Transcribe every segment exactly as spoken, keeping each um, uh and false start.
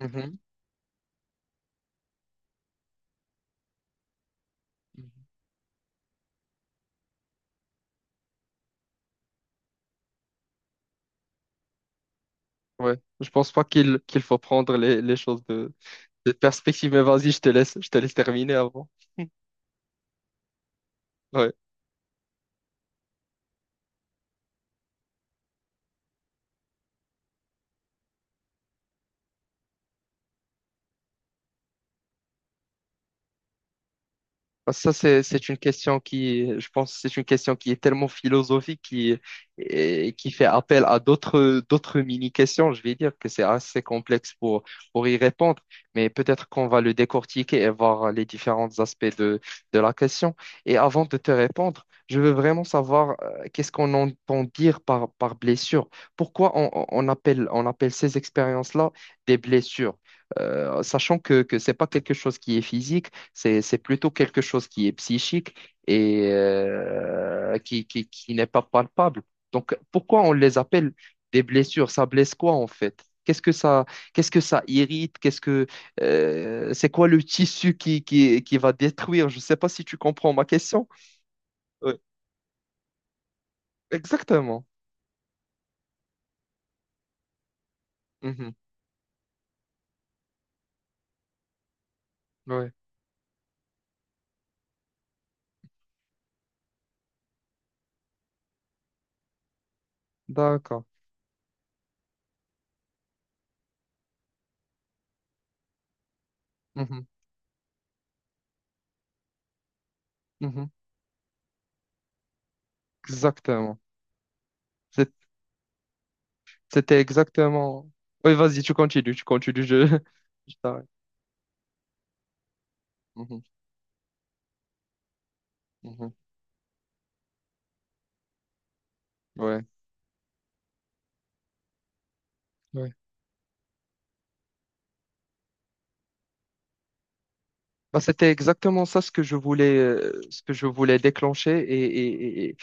Mhm. Mhm. Ouais, je pense pas qu'il qu'il faut prendre les, les choses de, de perspective, mais vas-y, je te laisse, je te laisse terminer avant. Ouais. Parce que Ça, c'est, c'est une question qui, je pense, que c'est une question qui est tellement philosophique qui, et qui fait appel à d'autres, d'autres mini-questions. Je vais dire que c'est assez complexe pour, pour y répondre, mais peut-être qu'on va le décortiquer et voir les différents aspects de, de la question. Et avant de te répondre, je veux vraiment savoir euh, qu'est-ce qu'on entend dire par, par blessure. Pourquoi on, on- on appelle, on appelle ces expériences-là des blessures? Euh, sachant que, que ce n'est pas quelque chose qui est physique, c'est, c'est plutôt quelque chose qui est psychique et euh, qui, qui, qui n'est pas palpable. Donc, pourquoi on les appelle des blessures? Ça blesse quoi en fait? Qu'est-ce que ça, qu'est-ce que ça irrite? Qu'est-ce que, euh, c'est quoi le tissu qui, qui, qui va détruire? Je ne sais pas si tu comprends ma question. Ouais, exactement. Mhm. Ouais, d'accord. Mhm. Mhm. Exactement. C'est- C'était exactement. Oui, vas-y, tu continues, tu continues. Je, je t'arrête. Mhm. Mhm. Ouais. Ouais. Bah, c'était exactement ça ce que je voulais, euh, ce que je voulais déclencher et, et, et,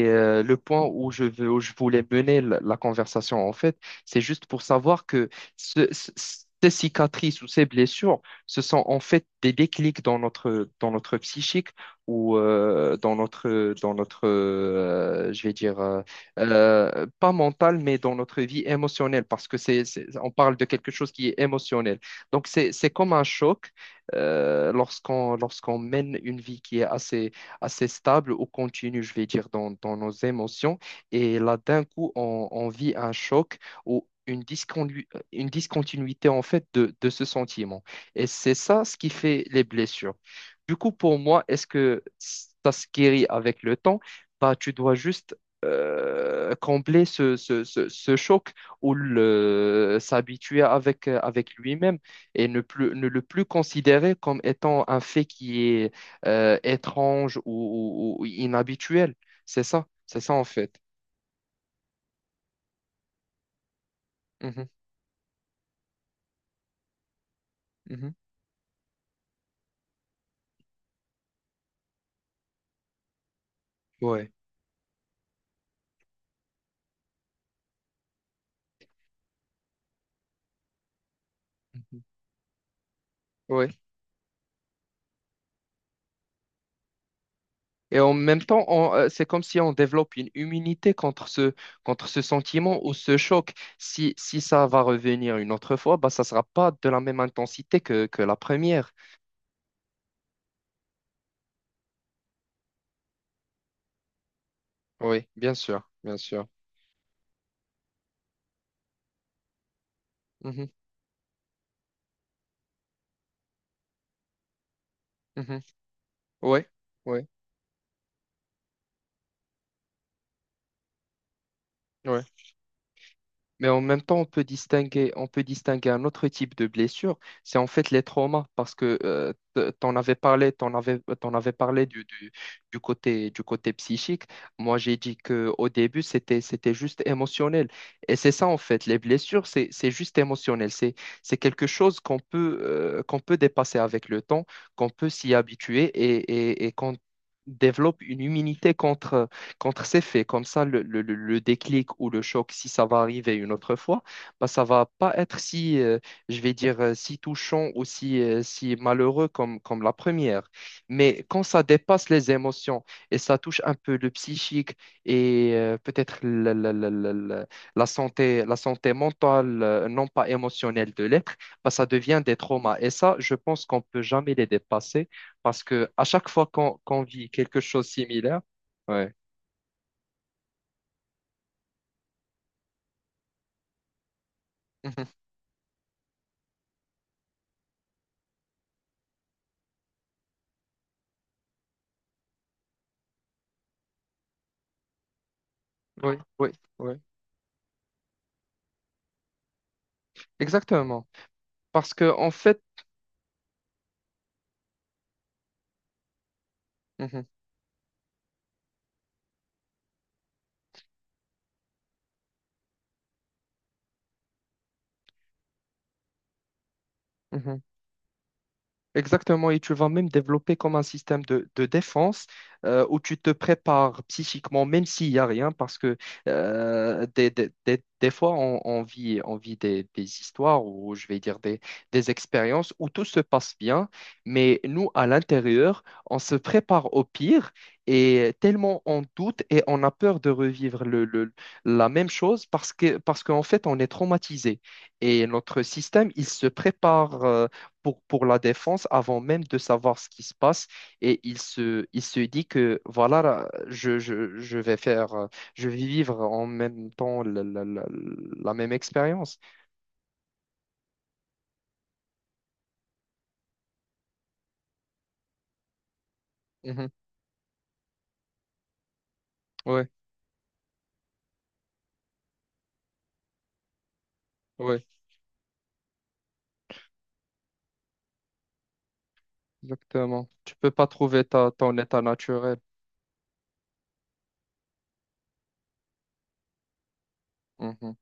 et, euh, le point où je veux, où je voulais mener la, la conversation en fait, c'est juste pour savoir que ce- ce- ces cicatrices ou ces blessures, ce sont en fait des déclics dans notre, dans notre psychique ou euh, dans notre, dans notre, euh, je vais dire, euh, euh, pas mental, mais dans notre vie émotionnelle parce que c'est, c'est- on parle de quelque chose qui est émotionnel. Donc c'est, c'est comme un choc euh, lorsqu'on lorsqu'on mène une vie qui est assez, assez stable ou continue, je vais dire, dans, dans nos émotions. Et là, d'un coup, on, on vit un choc ou une disconu- une discontinuité, en fait, de, de ce sentiment. Et c'est ça ce qui fait les blessures. Du coup, pour moi, est-ce que ça se guérit avec le temps? Bah, tu dois juste euh, combler ce, ce, ce, ce choc ou le- s'habituer avec, avec lui-même et ne plus, ne le plus considérer comme étant un fait qui est euh, étrange ou, ou- ou inhabituel. C'est ça, c'est ça en fait. Mhm, mhm. Ouais. Mhm. Ouais. Et en même temps, on, euh, c'est comme si on développe une immunité contre ce, contre ce sentiment ou ce choc. Si, si ça va revenir une autre fois, bah, ça ne sera pas de la même intensité que, que la première. Oui, bien sûr, bien sûr. Mhm, mhm. Ouais, ouais, ouais. Mais en même temps, on peut distinguer, on peut distinguer un autre type de blessure, c'est en fait les traumas, parce que euh, t- t'en avais parlé, t'en avais, t'en avais parlé du, du, du côté, du côté psychique. Moi, j'ai dit que au début, c'était, c'était juste émotionnel. Et c'est ça, en fait, les blessures, c'est, c'est juste émotionnel. C'est, c'est quelque chose qu'on peut, euh, qu'on peut dépasser avec le temps, qu'on peut s'y habituer et, et, et qu'on développe une immunité contre ces faits, comme ça, le, le- le- le déclic ou le choc, si ça va arriver une autre fois, bah, ça va pas être si, euh, je vais dire, euh, si touchant ou si, euh, si malheureux comme, comme la première. Mais quand ça dépasse les émotions et ça touche un peu le psychique et euh, peut-être la, la- la- la- la- la santé, la santé mentale, euh, non pas émotionnelle de l'être, bah, ça devient des traumas. Et ça, je pense qu'on peut jamais les dépasser parce que à chaque fois qu'on qu'on vit quelque chose de similaire, ouais. Mhm. Oui, oui, oui. Exactement. Parce que, en fait, mhm, mhm. Exactement, et tu vas même développer comme un système de, de défense euh, où tu te prépares psychiquement, même s'il n'y a rien, parce que euh, des, des- des- des fois, on, on vit, on vit des, des histoires ou je vais dire des, des expériences où tout se passe bien, mais nous, à l'intérieur, on se prépare au pire et tellement on doute et on a peur de revivre le, le- la même chose parce que, parce qu'en fait, on est traumatisé et notre système, il se prépare. euh, pour, pour la défense avant même de savoir ce qui se passe. Et il se, il se dit que voilà, là, je, je, je vais faire, euh, je vais vivre en même temps la, la- la- la même expérience. Mhm. Ouais, ouais, exactement. Tu peux pas trouver ta, ton état naturel. Mhm.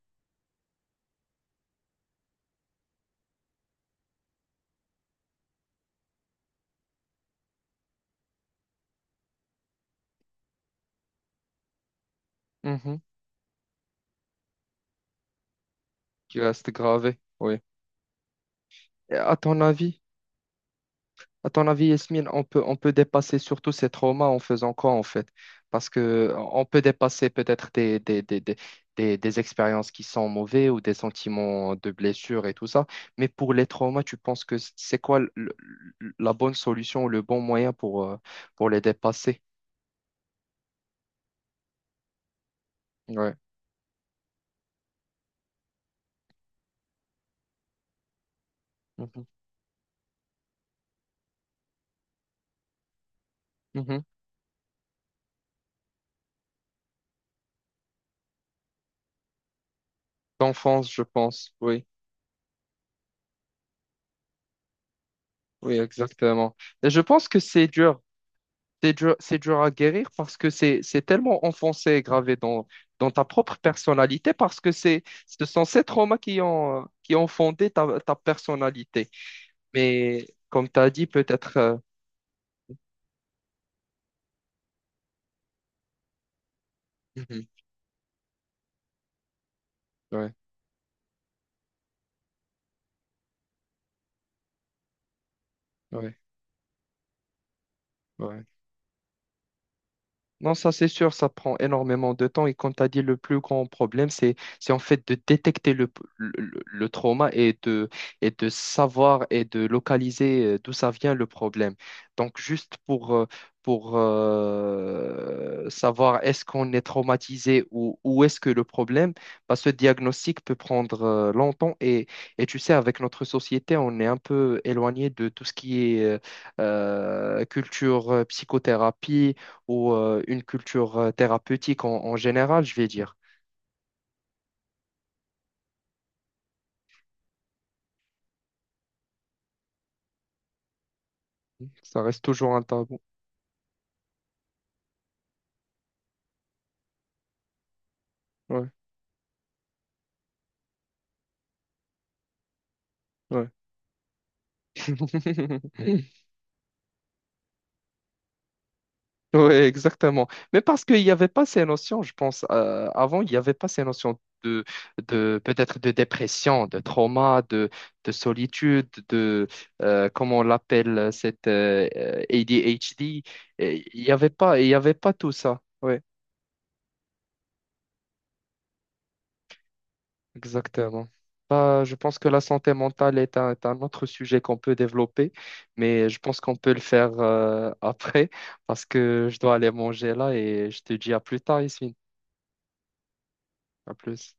Mhm. Qui reste gravé. Oui. Et à ton avis? À ton avis, Yasmine, on peut, on peut dépasser surtout ces traumas en faisant quoi en fait? Parce que on peut dépasser peut-être des, des, des, des, des, des expériences qui sont mauvaises ou des sentiments de blessure et tout ça. Mais pour les traumas, tu penses que c'est quoi le- le- la bonne solution ou le bon moyen pour, euh, pour les dépasser? Ouais. Mhm. Mhm. D'enfance, je pense. Oui, oui, exactement. Et je pense que c'est dur. C'est dur, c'est dur à guérir parce que c'est, c'est tellement enfoncé et gravé dans, dans ta propre personnalité parce que c'est, ce sont ces traumas qui ont, euh, qui ont fondé ta, ta personnalité. Mais comme tu as dit, peut-être... euh, mhm, ouais, ouais, ouais. Non, ça c'est sûr, ça prend énormément de temps. Et comme tu as dit, le plus grand problème, c'est c'est en fait de détecter le, le, le- le trauma et de, et de savoir et de localiser euh, d'où ça vient le problème. Donc, juste pour, euh, pour euh, savoir est-ce qu'on est traumatisé ou où est-ce que le problème, bah, ce diagnostic peut prendre euh, longtemps. Et, et tu sais, avec notre société, on est un peu éloigné de tout ce qui est euh, euh, culture, euh, psychothérapie ou euh, une culture euh, thérapeutique en, en général, je vais dire. Ça reste toujours un tabou. Ouais, ouais. Ouais, exactement. Mais parce qu'il n'y avait pas ces notions, je pense, euh, avant, il n'y avait pas ces notions de, de peut-être de dépression, de trauma, de, de solitude, de, euh, comment on l'appelle, cette euh, A D H D. Et il n'y avait pas, il y avait pas tout ça. Ouais. Exactement. Bah, je pense que la santé mentale est un, est un autre sujet qu'on peut développer, mais je pense qu'on peut le faire euh, après parce que je dois aller manger là et je te dis à plus tard, ici. À plus.